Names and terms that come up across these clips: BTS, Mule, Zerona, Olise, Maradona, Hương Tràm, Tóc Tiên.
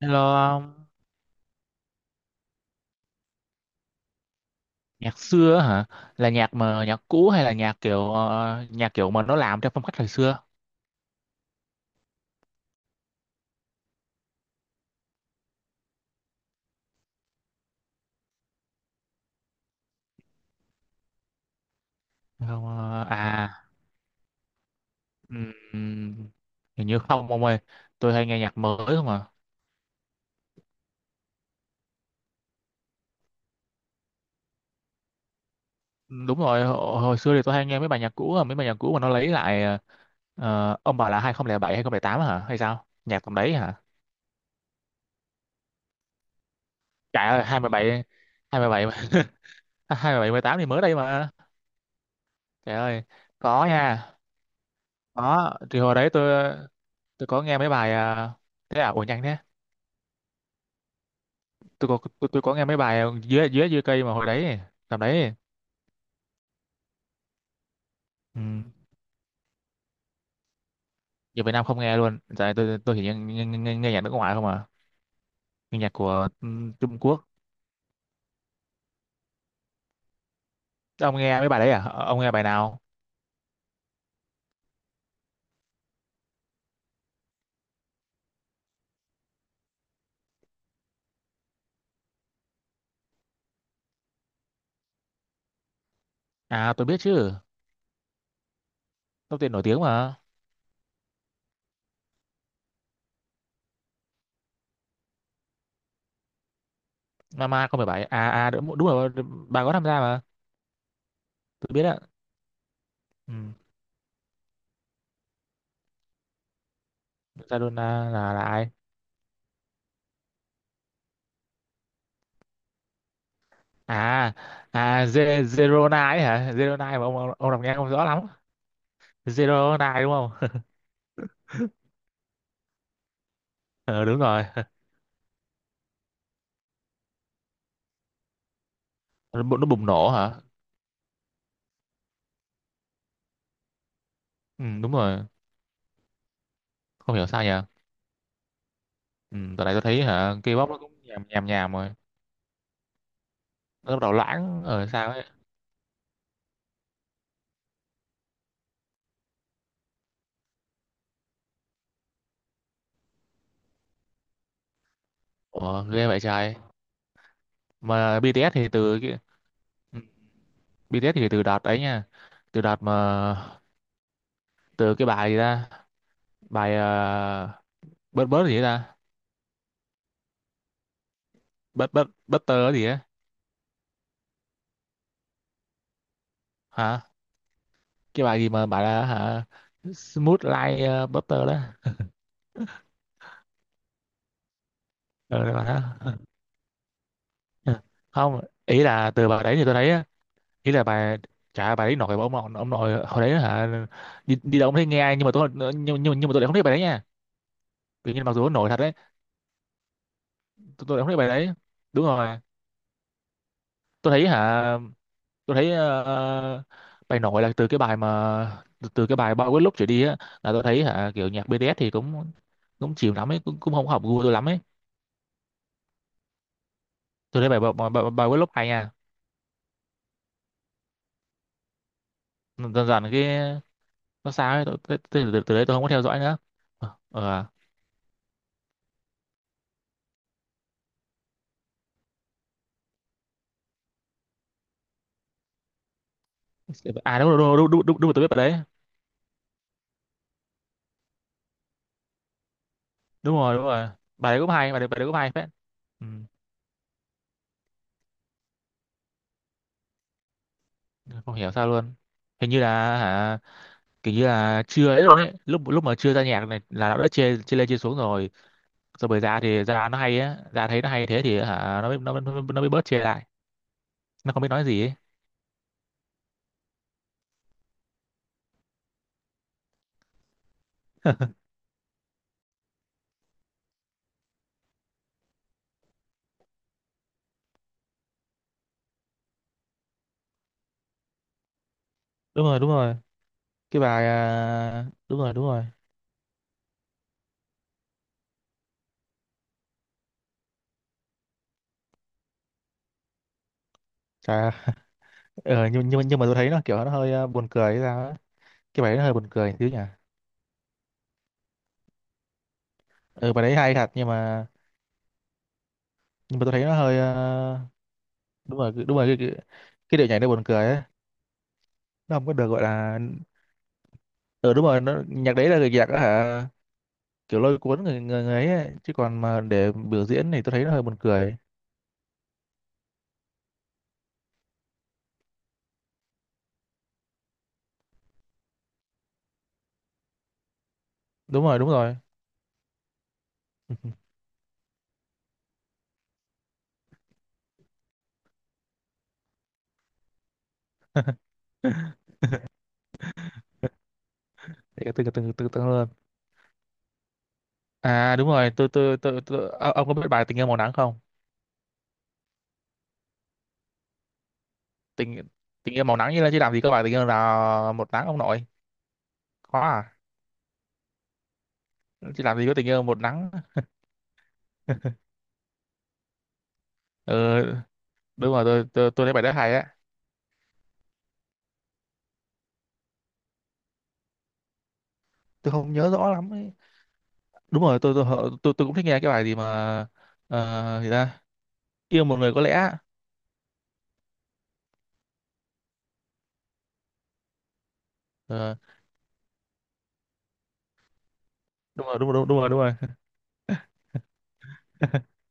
Hello, ông. Nhạc xưa á hả? Là nhạc mà nhạc cũ hay là nhạc kiểu nhạc kiểu mà nó làm theo phong cách thời xưa? Không, ừm, hình như không ông ơi. Tôi hay nghe nhạc mới không à. Đúng rồi, hồi xưa thì tôi hay nghe mấy bài nhạc cũ, mà nó lấy lại ông bảo là 2007 2008 hả? Hay sao? Nhạc tầm đấy hả? Trời ơi, 27 27 27 18 thì mới đây mà. Trời ơi, có nha. Có, thì hồi đấy tôi có nghe mấy bài thế à, ủa nhanh thế. Tôi có nghe mấy bài dưới dưới dưới cây mà hồi đấy tầm đấy. Ừ. Giờ Việt Nam không nghe luôn. Giờ này tôi chỉ nghe nhạc nước ngoài không à, nghe nhạc của Trung Quốc. Ông nghe mấy bài đấy à? Ờ, ông nghe bài nào? À, tôi biết chứ. Tóc Tiên nổi tiếng mà. Mama không phải bài à, đúng rồi, bà có tham gia mà. Tôi biết ạ. Ừ. Maradona là ai? À à Ze- Zerona ấy hả? Zerona mà ông ông đọc nghe không rõ lắm. Zerona đúng không? Ờ, đúng rồi. Nó bùng nổ hả? Ừ, đúng rồi. Không hiểu sao nhỉ. Ừ, tại này tôi thấy hả, K-pop nó cũng nhàm nhàm nhàm rồi. Nó bắt đầu loãng ở sao ấy. Ủa, ghê vậy trời. Mà BTS thì từ cái ừ, BTS thì từ đợt ấy nha. Từ đợt mà từ cái bài gì ta? Bài bớt bớt gì ấy ta? Bớt bớt butter gì á? Hả? Cái bài gì mà bảo là hả? Smooth like butter đó. Ờ, đó. Không, ý là từ bài đấy thì tôi thấy, ý là bà, chả bà ấy, nội bà, ông nội, ông nội hồi đấy hả, đi đâu không thấy nghe ai, nhưng mà tôi, nhưng mà tôi lại không thấy bà đấy nha. Tự nhiên mặc dù ông nội thật đấy, tôi lại không thấy bà đấy. Đúng rồi, tôi thấy hả, tôi thấy bài nổi là từ cái bài mà từ cái bài bao quát lúc trở đi á, là tôi thấy hả kiểu nhạc BTS thì cũng cũng chịu lắm ấy, cũng không hợp gu tôi lắm ấy. Tôi thấy bài bài bài, bao bài quên lúc hay nha. Dần dần cái nó sao ấy, từ đấy tôi không có theo dõi nữa. Ờ. À, đúng đúng đúng đúng, đúng, đúng, rồi, tôi biết bài đấy. Đúng rồi, đúng rồi, bài đấy cũng hay phết. Ừ. Không hiểu sao luôn. Hình như là hả kiểu như là chưa ấy rồi ấy lúc lúc mà chưa ra nhạc này là nó đã chê chê lên chê xuống rồi. Rồi bởi ra thì ra nó hay á, ra thấy nó hay thế thì hả, nó mới bớt chê lại, nó không biết nói gì ấy. Đúng rồi, đúng rồi, cái bài đúng rồi, đúng rồi. Chà. Nhưng mà tôi thấy nó kiểu nó hơi buồn cười hay sao á. Cái bài đấy nó hơi buồn cười xíu nhỉ. Ừ, bài đấy hay thật nhưng mà tôi thấy nó hơi đúng rồi, đúng rồi, cái điệu nhảy nó buồn cười ấy, nó không có được gọi là. Ừ, đúng rồi, nó nhạc đấy là nhạc á hả kiểu lôi cuốn người, người ấy ấy, chứ còn mà để biểu diễn thì tôi thấy nó hơi buồn cười. Đúng rồi, đúng rồi. Để từng từng từng từng luôn. À đúng rồi, tôi ông có biết bài Tình Yêu Màu Nắng không? Tình tình yêu màu nắng, như là chứ làm gì có bài tình yêu là một nắng ông nội. Có à? Chứ làm gì có tình yêu một nắng. Ừ, đúng rồi, tôi thấy bài đó hay á. Tôi không nhớ rõ lắm ấy. Đúng rồi, tôi cũng thích nghe cái bài gì mà gì ta? Yêu một người có lẽ. Đúng rồi, đúng rồi, đúng rồi, đúng rồi.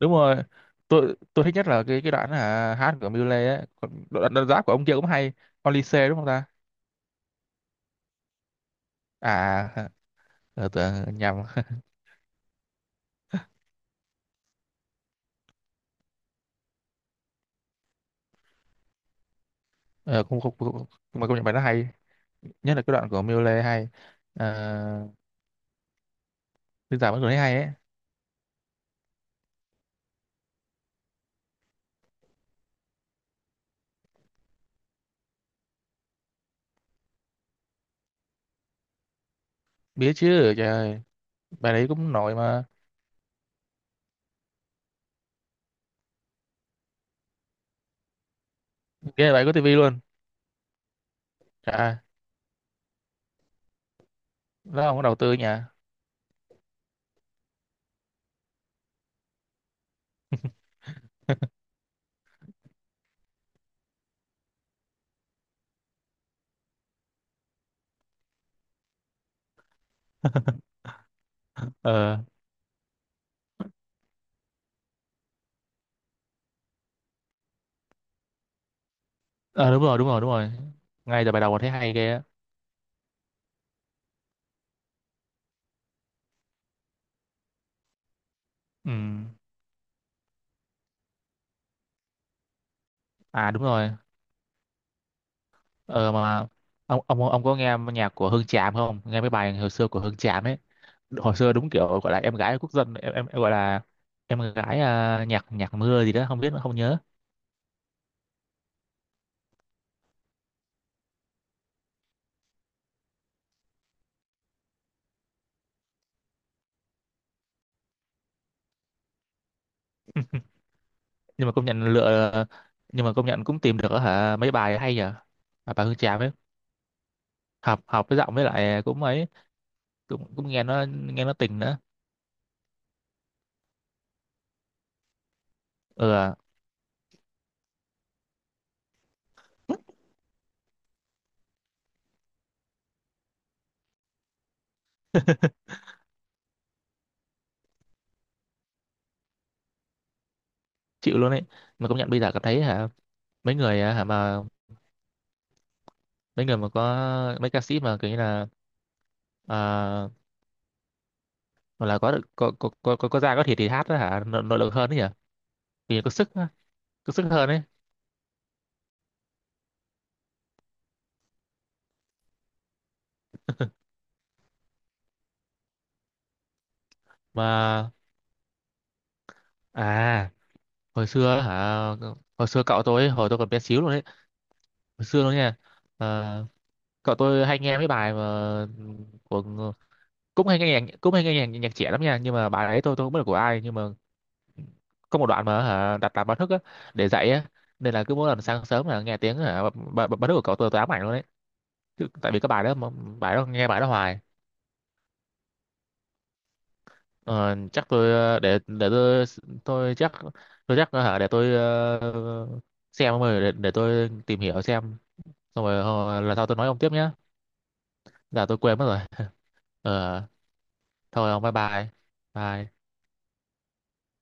Đúng rồi, tôi thích nhất là cái đoạn hát của Mule ấy, còn đoạn rap của ông kia cũng hay. Olise đúng không ta? À. Tưởng nhầm. ờ, cũng không cũng, cũng, Mà công nhận bài đó hay, nhất là cái đoạn của Mule hay. À, bây giờ vẫn còn thấy hay ấy. Biết chứ, trời ơi, bài đấy cũng nổi mà. Ghê là bài có tivi luôn. À, nó không có đầu tư nhà. Ờ. Ờ, đúng rồi, đúng rồi, đúng rồi, ngay từ bài đầu còn thấy hay ghê á. Ừ. À đúng rồi. Ờ mà ông có nghe nhạc của Hương Tràm không? Nghe mấy bài hồi xưa của Hương Tràm ấy. Hồi xưa đúng kiểu gọi là em gái quốc dân, em gọi là em gái nhạc nhạc mưa gì đó, không biết không nhớ. Nhưng mà công nhận lựa, nhưng mà công nhận cũng tìm được hả mấy bài hay nhờ. Bà Hương Tràm ấy, học học với giọng với lại cũng ấy, cũng cũng nghe nó tình nữa. Ừ, chịu luôn ấy. Mà công nhận bây giờ cảm thấy hả, mấy người hả, mà mấy người mà có, mấy ca sĩ mà kiểu như là à, hoặc là có da có thịt thì hát đó hả, nội lực hơn đấy nhỉ, vì có sức á, có sức hơn ấy. Mà à, hồi xưa hả, hồi xưa cậu tôi ấy, hồi tôi còn bé xíu luôn đấy, hồi xưa luôn nha. Ờ, cậu tôi hay nghe mấy bài mà của, cũng hay nghe nhạc trẻ lắm nha, nhưng mà bài ấy tôi không biết là của ai, nhưng mà có một đoạn mà hả đặt làm báo thức á, để dậy á, nên là cứ mỗi lần sáng sớm là nghe tiếng hả báo thức của cậu, tôi ám ảnh luôn đấy. Tại vì cái bài đó mà, bài đó nghe bài đó hoài. Ờ, chắc tôi để tôi chắc, tôi chắc hả, để tôi xem rồi, để tôi tìm hiểu xem, xong rồi lần sau tôi nói ông tiếp nhé. Giờ tôi quên mất rồi. Ờ. Thôi ông, bye bye. Bye.